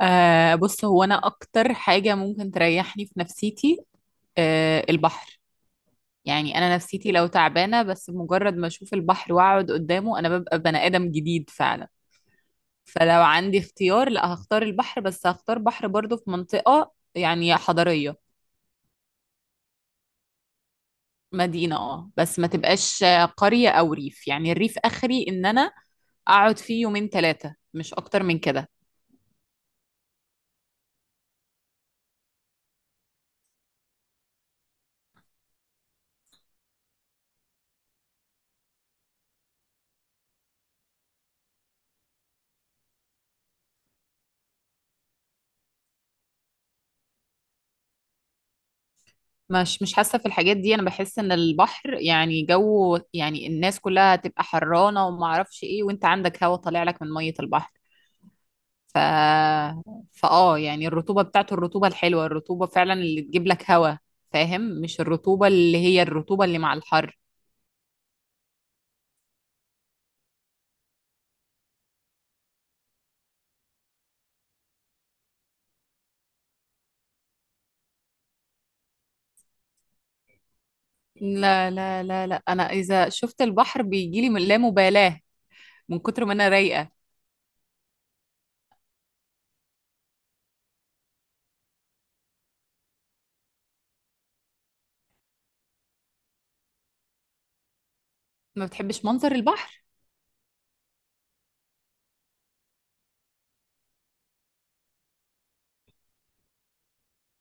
بص، هو انا اكتر حاجة ممكن تريحني في نفسيتي البحر. يعني انا نفسيتي لو تعبانة، بس بمجرد ما اشوف البحر واقعد قدامه انا ببقى بني ادم جديد فعلا. فلو عندي اختيار لا هختار البحر، بس هختار بحر برضو في منطقة يعني حضرية. مدينة اه، بس ما تبقاش قرية او ريف، يعني الريف اخري ان انا اقعد فيه يومين ثلاثة مش اكتر من كده. مش حاسة في الحاجات دي، انا بحس ان البحر يعني جو، يعني الناس كلها هتبقى حرانة وما اعرفش ايه، وانت عندك هوا طالع لك من مية البحر. ف فاه يعني الرطوبة بتاعته، الرطوبة الحلوة، الرطوبة فعلا اللي تجيب لك هوا. فاهم؟ مش الرطوبة اللي هي الرطوبة اللي مع الحر. لا لا لا لا، انا اذا شفت البحر بيجيلي من لا مبالاة من كتر ما انا رايقة. ما بتحبش منظر البحر؟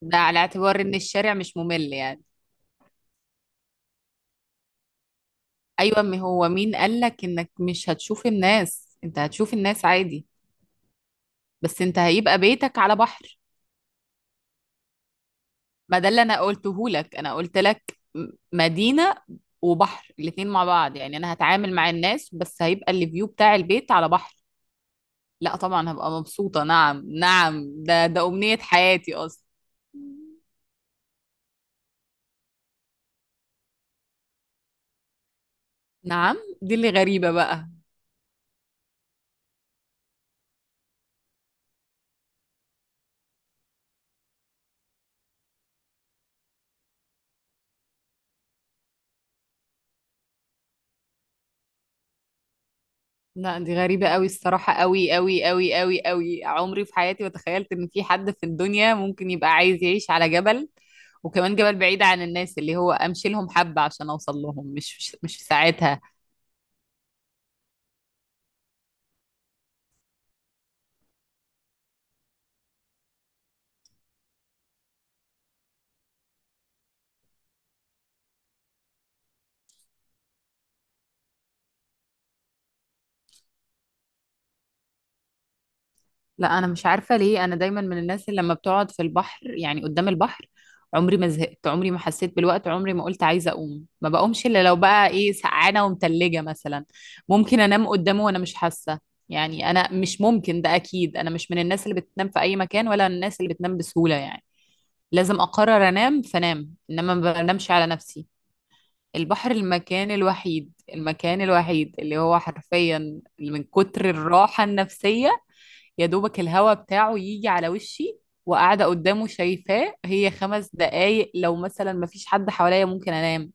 ده على اعتبار ان الشارع مش ممل يعني؟ ايوه، ما هو مين قالك انك مش هتشوف الناس؟ انت هتشوف الناس عادي، بس انت هيبقى بيتك على بحر. ما ده اللي انا قلته لك، انا قلت لك مدينة وبحر الاتنين مع بعض، يعني انا هتعامل مع الناس بس هيبقى الفيو بتاع البيت على بحر. لا طبعا هبقى مبسوطة، نعم نعم، ده امنية حياتي اصلا. نعم، دي اللي غريبة بقى. لا دي غريبة قوي الصراحة، قوي قوي قوي قوي قوي، عمري في حياتي ما تخيلت ان في حد في الدنيا ممكن يبقى عايز يعيش على جبل، وكمان جبل بعيد عن الناس اللي هو امشي لهم حبة عشان اوصل لهم، مش في ساعتها. لا انا مش عارفه ليه، انا دايما من الناس اللي لما بتقعد في البحر يعني قدام البحر عمري ما زهقت، عمري ما حسيت بالوقت، عمري ما قلت عايزه اقوم، ما بقومش الا لو بقى ايه، سقعانه ومتلجه مثلا. ممكن انام قدامه وانا مش حاسه، يعني انا مش ممكن، ده اكيد انا مش من الناس اللي بتنام في اي مكان ولا الناس اللي بتنام بسهوله يعني، لازم اقرر انام فنام، انما ما بنامش على نفسي. البحر المكان الوحيد، المكان الوحيد اللي هو حرفيا من كتر الراحه النفسيه يا دوبك الهوا بتاعه يجي على وشي وقاعدة قدامه شايفاه، هي خمس دقايق لو مثلا مفيش حد حواليا ممكن انام.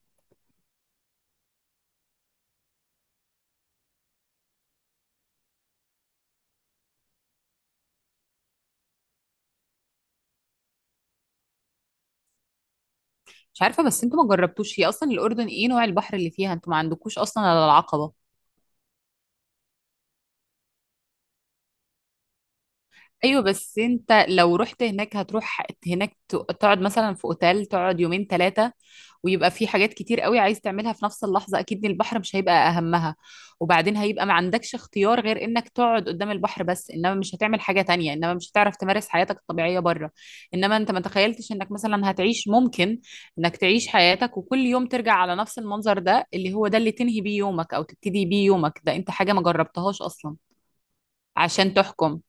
مش عارفة، بس انتوا ما جربتوش، هي اصلا الاردن ايه نوع البحر اللي فيها؟ انتوا ما عندكوش اصلا على العقبة؟ ايوه بس انت لو رحت هناك هتروح هناك تقعد مثلا في اوتيل، تقعد يومين ثلاثه، ويبقى في حاجات كتير قوي عايز تعملها في نفس اللحظه، اكيد إن البحر مش هيبقى اهمها. وبعدين هيبقى ما عندكش اختيار غير انك تقعد قدام البحر، بس انما مش هتعمل حاجه تانية، انما مش هتعرف تمارس حياتك الطبيعيه بره. انما انت ما تخيلتش انك مثلا هتعيش، ممكن انك تعيش حياتك وكل يوم ترجع على نفس المنظر ده، اللي هو ده اللي تنهي بيه يومك او تبتدي بيه يومك، ده انت حاجه ما جربتهاش اصلا عشان تحكم.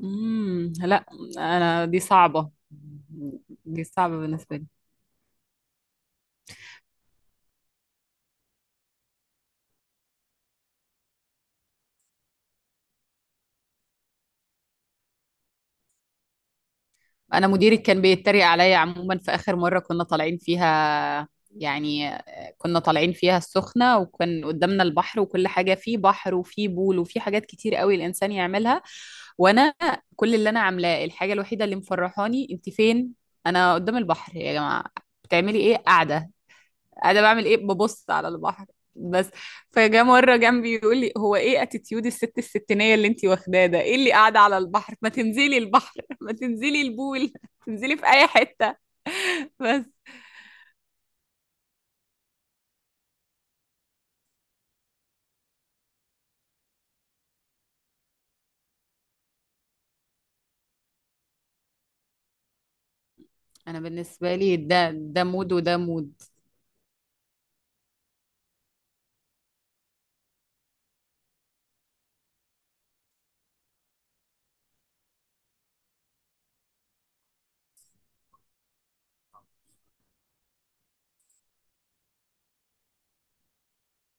لا انا، دي صعبة، دي صعبة بالنسبة لي. انا مديري كان بيتريق عليا عموما في اخر مرة كنا طالعين فيها يعني، كنا طالعين فيها السخنة وكان قدامنا البحر وكل حاجة، فيه بحر وفيه بول وفيه حاجات كتير قوي الانسان يعملها، وانا كل اللي انا عاملاه، الحاجة الوحيدة اللي مفرحاني، انت فين؟ انا قدام البحر يا جماعة. بتعملي ايه قاعدة؟ انا بعمل ايه، ببص على البحر بس. فجاء مره جنبي يقول لي هو ايه اتيتيود الست الستينيه اللي انتي واخداه ده، ايه اللي قاعده على البحر، ما تنزلي البحر ما تنزلي البول تنزلي في اي حته، بس. انا بالنسبه لي ده مود وده مود.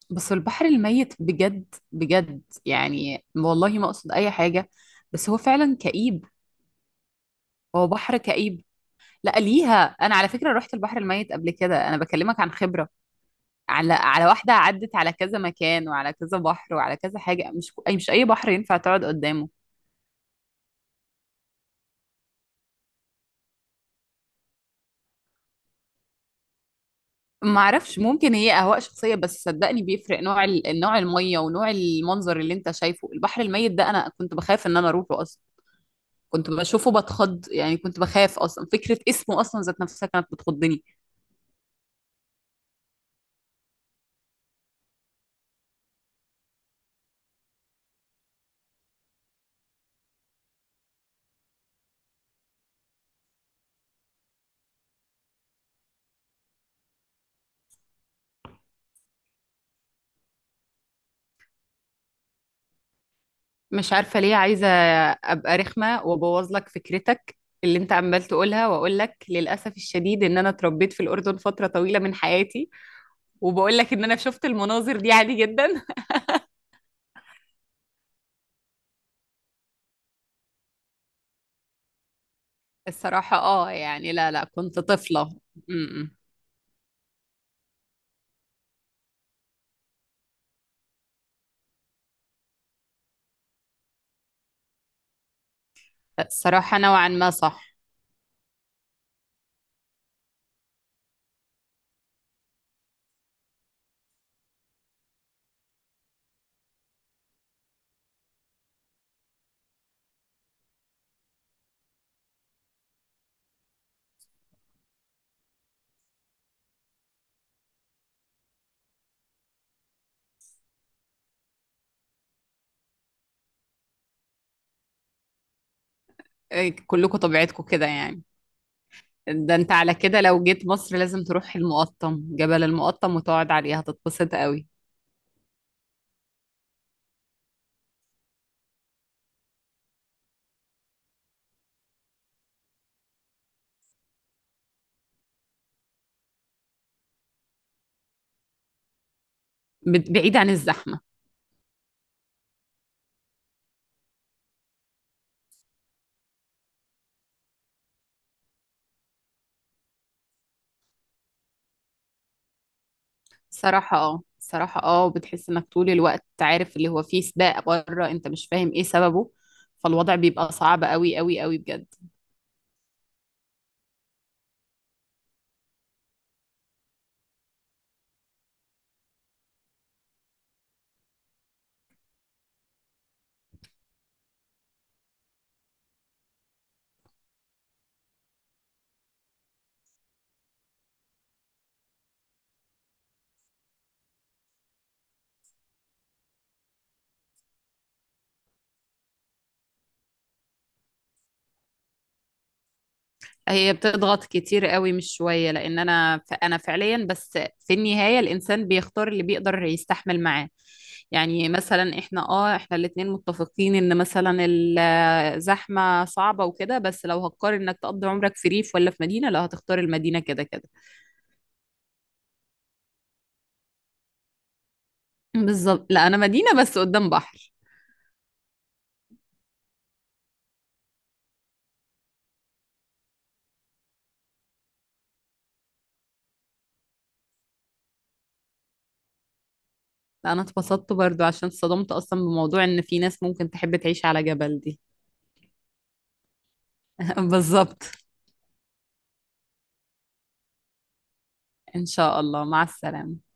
بس البحر الميت بجد بجد، يعني والله ما اقصد اي حاجه، بس هو فعلا كئيب، هو بحر كئيب. لا ليها، انا على فكره رحت البحر الميت قبل كده، انا بكلمك عن خبره، على واحدة عدت على كذا مكان وعلى كذا بحر وعلى كذا حاجة، مش أي بحر ينفع تقعد قدامه. ما اعرفش، ممكن هي اهواء شخصيه، بس صدقني بيفرق نوع نوع الميه ونوع المنظر اللي انت شايفه. البحر الميت ده انا كنت بخاف ان انا اروحه اصلا، كنت بشوفه بتخض، يعني كنت بخاف اصلا فكره اسمه اصلا ذات نفسها كانت بتخضني. مش عارفه ليه عايزه ابقى رخمه وابوظ لك فكرتك اللي انت عمال تقولها، واقول لك للاسف الشديد ان انا اتربيت في الاردن فتره طويله من حياتي، وباقول لك إن أنا شُفت المناظر دي عادي جدًا. الصراحة آه، يعني لا، لأ، كنت طفلة، إمم، إمم. الصراحة نوعًا ما صح. كلّكم طبيعتكم كده يعني. ده أنت على كده لو جيت مصر لازم تروح المُقطّم، جبل المُقطّم وتقعد عليه هتتبسط أوي، بت بعيد عن الزحمة. الصراحة آه، الصراحة آه، وبتحس إنك طول الوقت عارف اللي هو في سباق برّه أنت مش فاهم إيه سببه، فالوضع بيبقى صعب أوي، أوي، أوي بجد. هي بتضغط كتير قوي مش شوية، لأن أنا أنا فعليا بس في النهاية الإنسان بيختار اللي بيقدر يستحمل معاه. يعني مثلا إحنا إحنا الاتنين متفقين إن مثلا الزحمة صعبة وكده، بس لو هتقارن إنك تقضي عمرك في ريف ولا في مدينة لا هتختار المدينة كده كده. بالظبط، لا أنا مدينة بس قدام بحر. لا أنا اتبسطت برضو عشان اتصدمت أصلا بموضوع إن في ناس ممكن تحب تعيش على جبل دي. بالظبط. إن شاء الله، مع السلامة.